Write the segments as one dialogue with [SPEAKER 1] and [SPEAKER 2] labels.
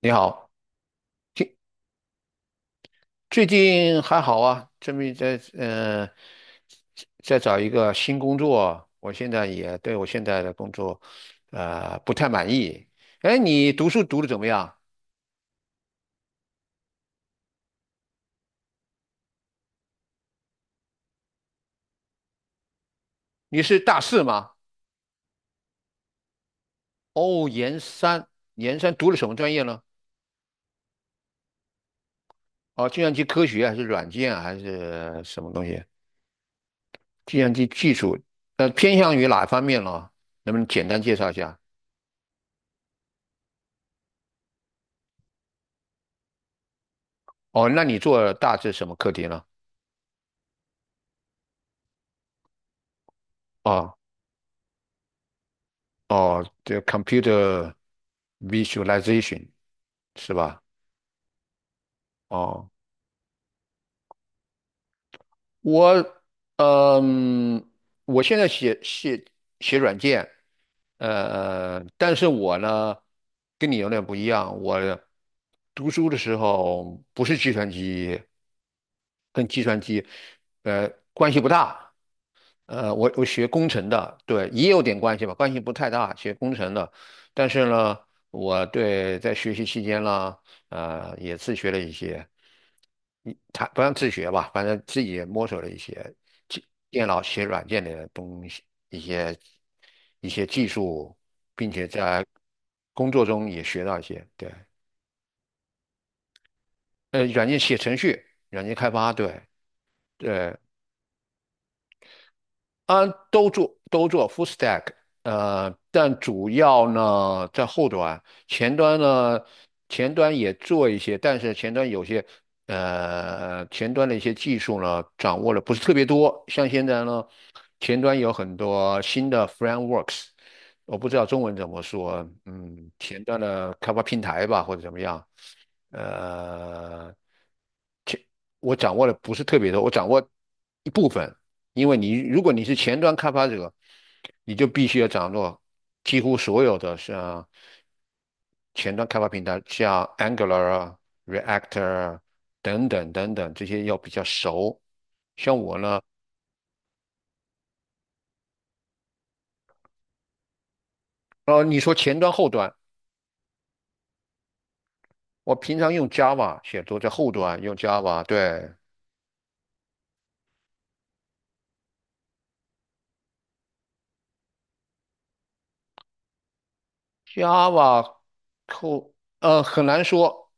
[SPEAKER 1] 你好，最最近还好啊，这边在找一个新工作，我现在也对我现在的工作，不太满意。哎，你读书读的怎么样？你是大四吗？哦，研三，研三读了什么专业呢？哦，计算机科学还是软件还是什么东西？计算机技术，偏向于哪方面呢？能不能简单介绍一下？哦，那你做大致什么课题呢？哦。哦，这 computer visualization 是吧？哦，我嗯，我现在写软件，但是我呢跟你有点不一样，我读书的时候不是计算机，跟计算机呃关系不大。我学工程的，对，也有点关系吧，关系不太大，学工程的。但是呢，我对在学习期间呢，也自学了一些，他不让自学吧，反正自己也摸索了一些其电脑写软件的东西，一些一些技术，并且在工作中也学到一些，对，软件写程序，软件开发，对对，啊，都做 full stack，但主要呢在后端，前端呢前端也做一些，但是前端的一些技术呢掌握的不是特别多，像现在呢前端有很多新的 frameworks，我不知道中文怎么说，前端的开发平台吧或者怎么样，呃。我掌握的不是特别多，我掌握一部分。因为如果你是前端开发者，你就必须要掌握几乎所有的像前端开发平台，像 Angular 啊、React 啊等等等等这些要比较熟。像我呢，你说前端后端，我平常用 Java 写作，在后端用 Java，对。Java 扣很难说，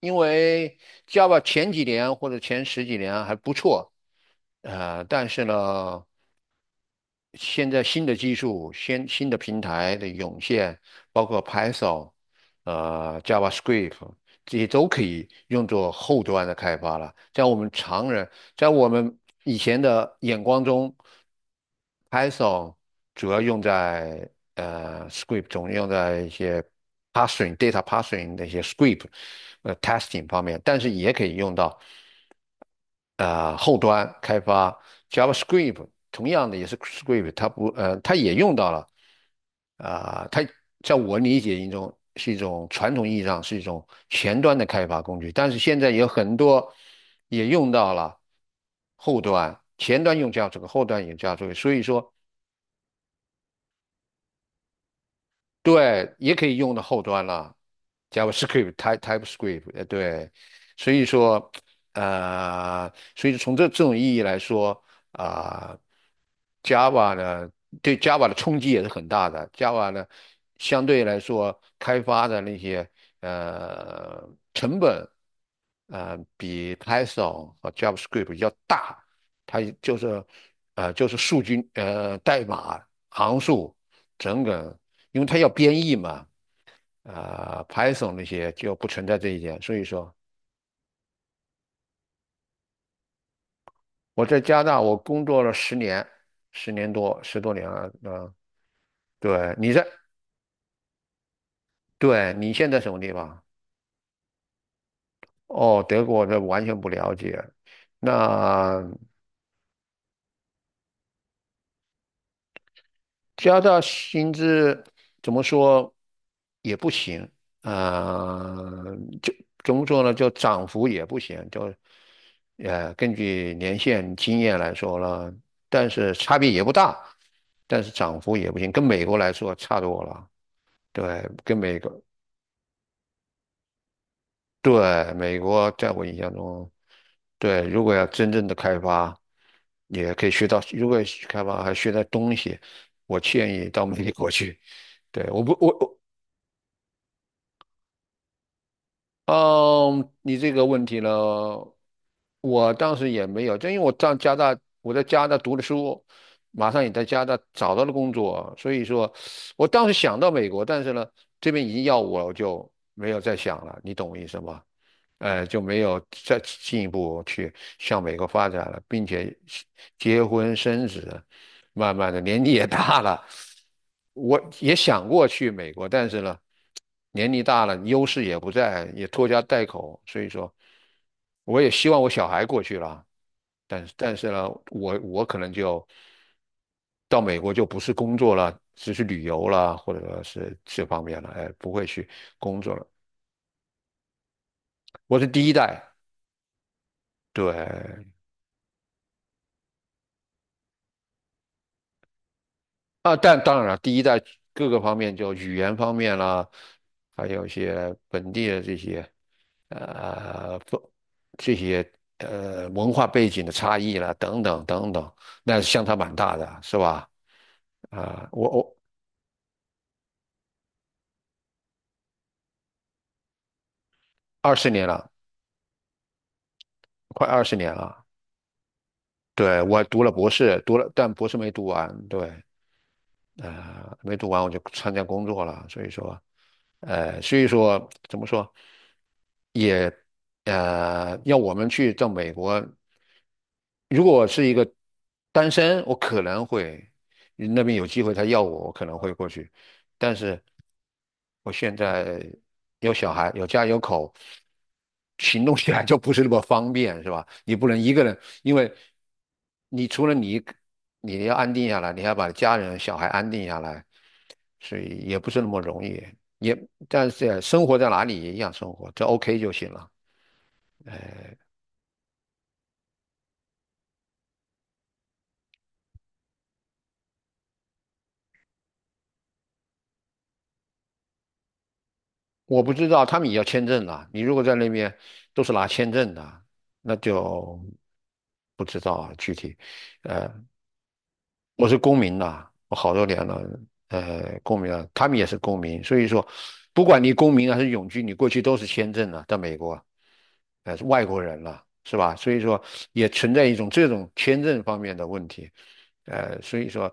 [SPEAKER 1] 因为 Java 前几年或者前十几年还不错，但是呢，现在新的技术、新的平台的涌现，包括 Python、JavaScript 这些都可以用作后端的开发了。在我们以前的眼光中，Python 主要用在script 中，用在一些 parsing、data parsing 那些 script testing 方面，但是也可以用到。后端开发 JavaScript，同样的也是 script，它不呃它也用到了，它在我理解一种是一种传统意义上是一种前端的开发工具，但是现在有很多也用到了后端，前端用 JavaScript，后端也 JavaScript，所以说对，也可以用到后端了，JavaScript、TypeScript，对，所以说，所以从这种意义来说，啊、Java 呢，对 Java 的冲击也是很大的。Java 呢，相对来说开发的那些呃成本，比 Python 和 JavaScript 要大，它就是代码。行数，整个，因为它要编译嘛，Python 那些就不存在这一点。所以说，我在加拿大我工作了十年，10年多，10多年了，嗯、对，对，你现在什么地方？哦，德国这完全不了解。那加大薪资怎么说也不行，啊、就怎么说呢？就涨幅也不行，根据年限经验来说了，但是差别也不大，但是涨幅也不行，跟美国来说差多了。对，跟美国，对，美国在我印象中，对，如果要真正的开发，也可以学到，如果开发还学到东西，我建议到美国去。对，我不，我我嗯，你这个问题呢，我当时也没有，就因为我在加拿大，我在加拿大读的书，马上也在加拿大找到了工作，所以说，我当时想到美国，但是呢，这边已经要我，我就没有再想了，你懂我意思吗？就没有再进一步去向美国发展了，并且结婚生子，慢慢的年纪也大了，我也想过去美国，但是呢，年龄大了，优势也不在，也拖家带口，所以说，我也希望我小孩过去了，但是呢，我可能就到美国就不是工作了，只是旅游了，或者说是这方面了，哎，不会去工作了。我是第一代，对。啊，但当然了，第一代各个方面，就语言方面啦，还有一些本地的呃风这些文化背景的差异啦，等等等等，那是相差蛮大的，是吧？啊、我我二十年了，快二十年了，对，我读了博士，读了，但博士没读完，对。没读完我就参加工作了，所以说，所以说怎么说，也要我们去到美国，如果我是一个单身，我可能会那边有机会，他要我，我可能会过去。但是我现在有小孩，有家有口，行动起来就不是那么方便，是吧？你不能一个人，因为你除了你，你要安定下来，你还要把家人、小孩安定下来，所以也不是那么容易。也，但是生活在哪里也一样生活，这 OK 就行了。呃，我不知道他们也要签证了，你如果在那边都是拿签证的，那就不知道啊具体。我是公民呐、我好多年了，公民啊，他们也是公民，所以说，不管你公民还是永居，你过去都是签证啊，在美国，是外国人了，是吧？所以说也存在一种这种签证方面的问题，所以说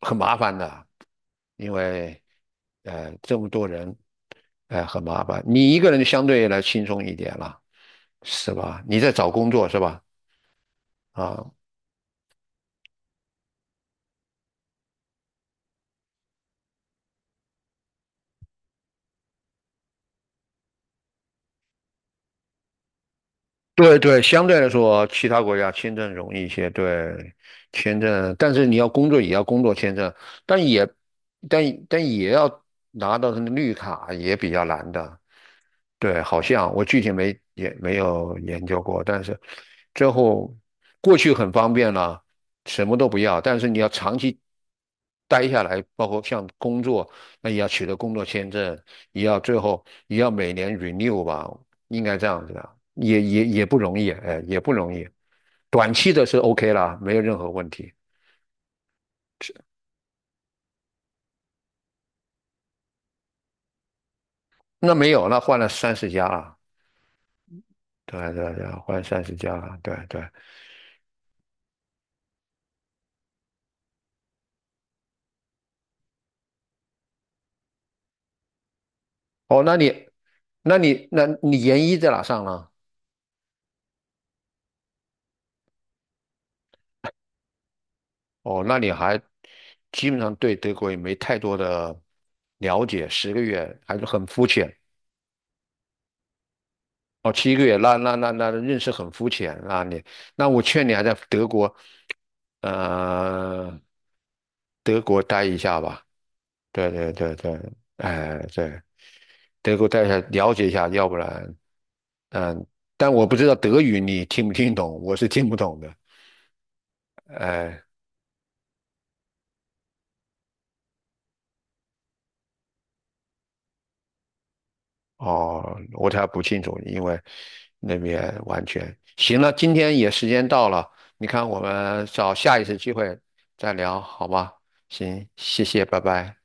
[SPEAKER 1] 很麻烦的，因为这么多人，很麻烦，你一个人相对来轻松一点了，是吧？你在找工作是吧？啊，对对，相对来说，其他国家签证容易一些。对，签证，但是你要工作也要工作签证，但也但也要拿到他的绿卡也比较难的。对，好像我具体没也没有研究过，但是最后过去很方便了，什么都不要，但是你要长期待下来，包括像工作，那也要取得工作签证，也要最后也要每年 renew 吧，应该这样子的，也不容易，哎，也不容易。短期的是 OK 啦，没有任何问题。那没有，那换了三十家了，对对对，换三十家了，对对。哦，那你研一在哪上呢？哦，那你还基本上对德国也没太多的了解，10个月还是很肤浅。哦，7个月，那认识很肤浅。那我劝你还在德国，呃，德国待一下吧。对对对对，哎对，德国待一下，了解一下，要不然，嗯，但我不知道德语你听不听懂，我是听不懂的。哎、哦，我才不清楚，因为那边完全行了。今天也时间到了，你看我们找下一次机会再聊，好吧？行，谢谢，拜拜。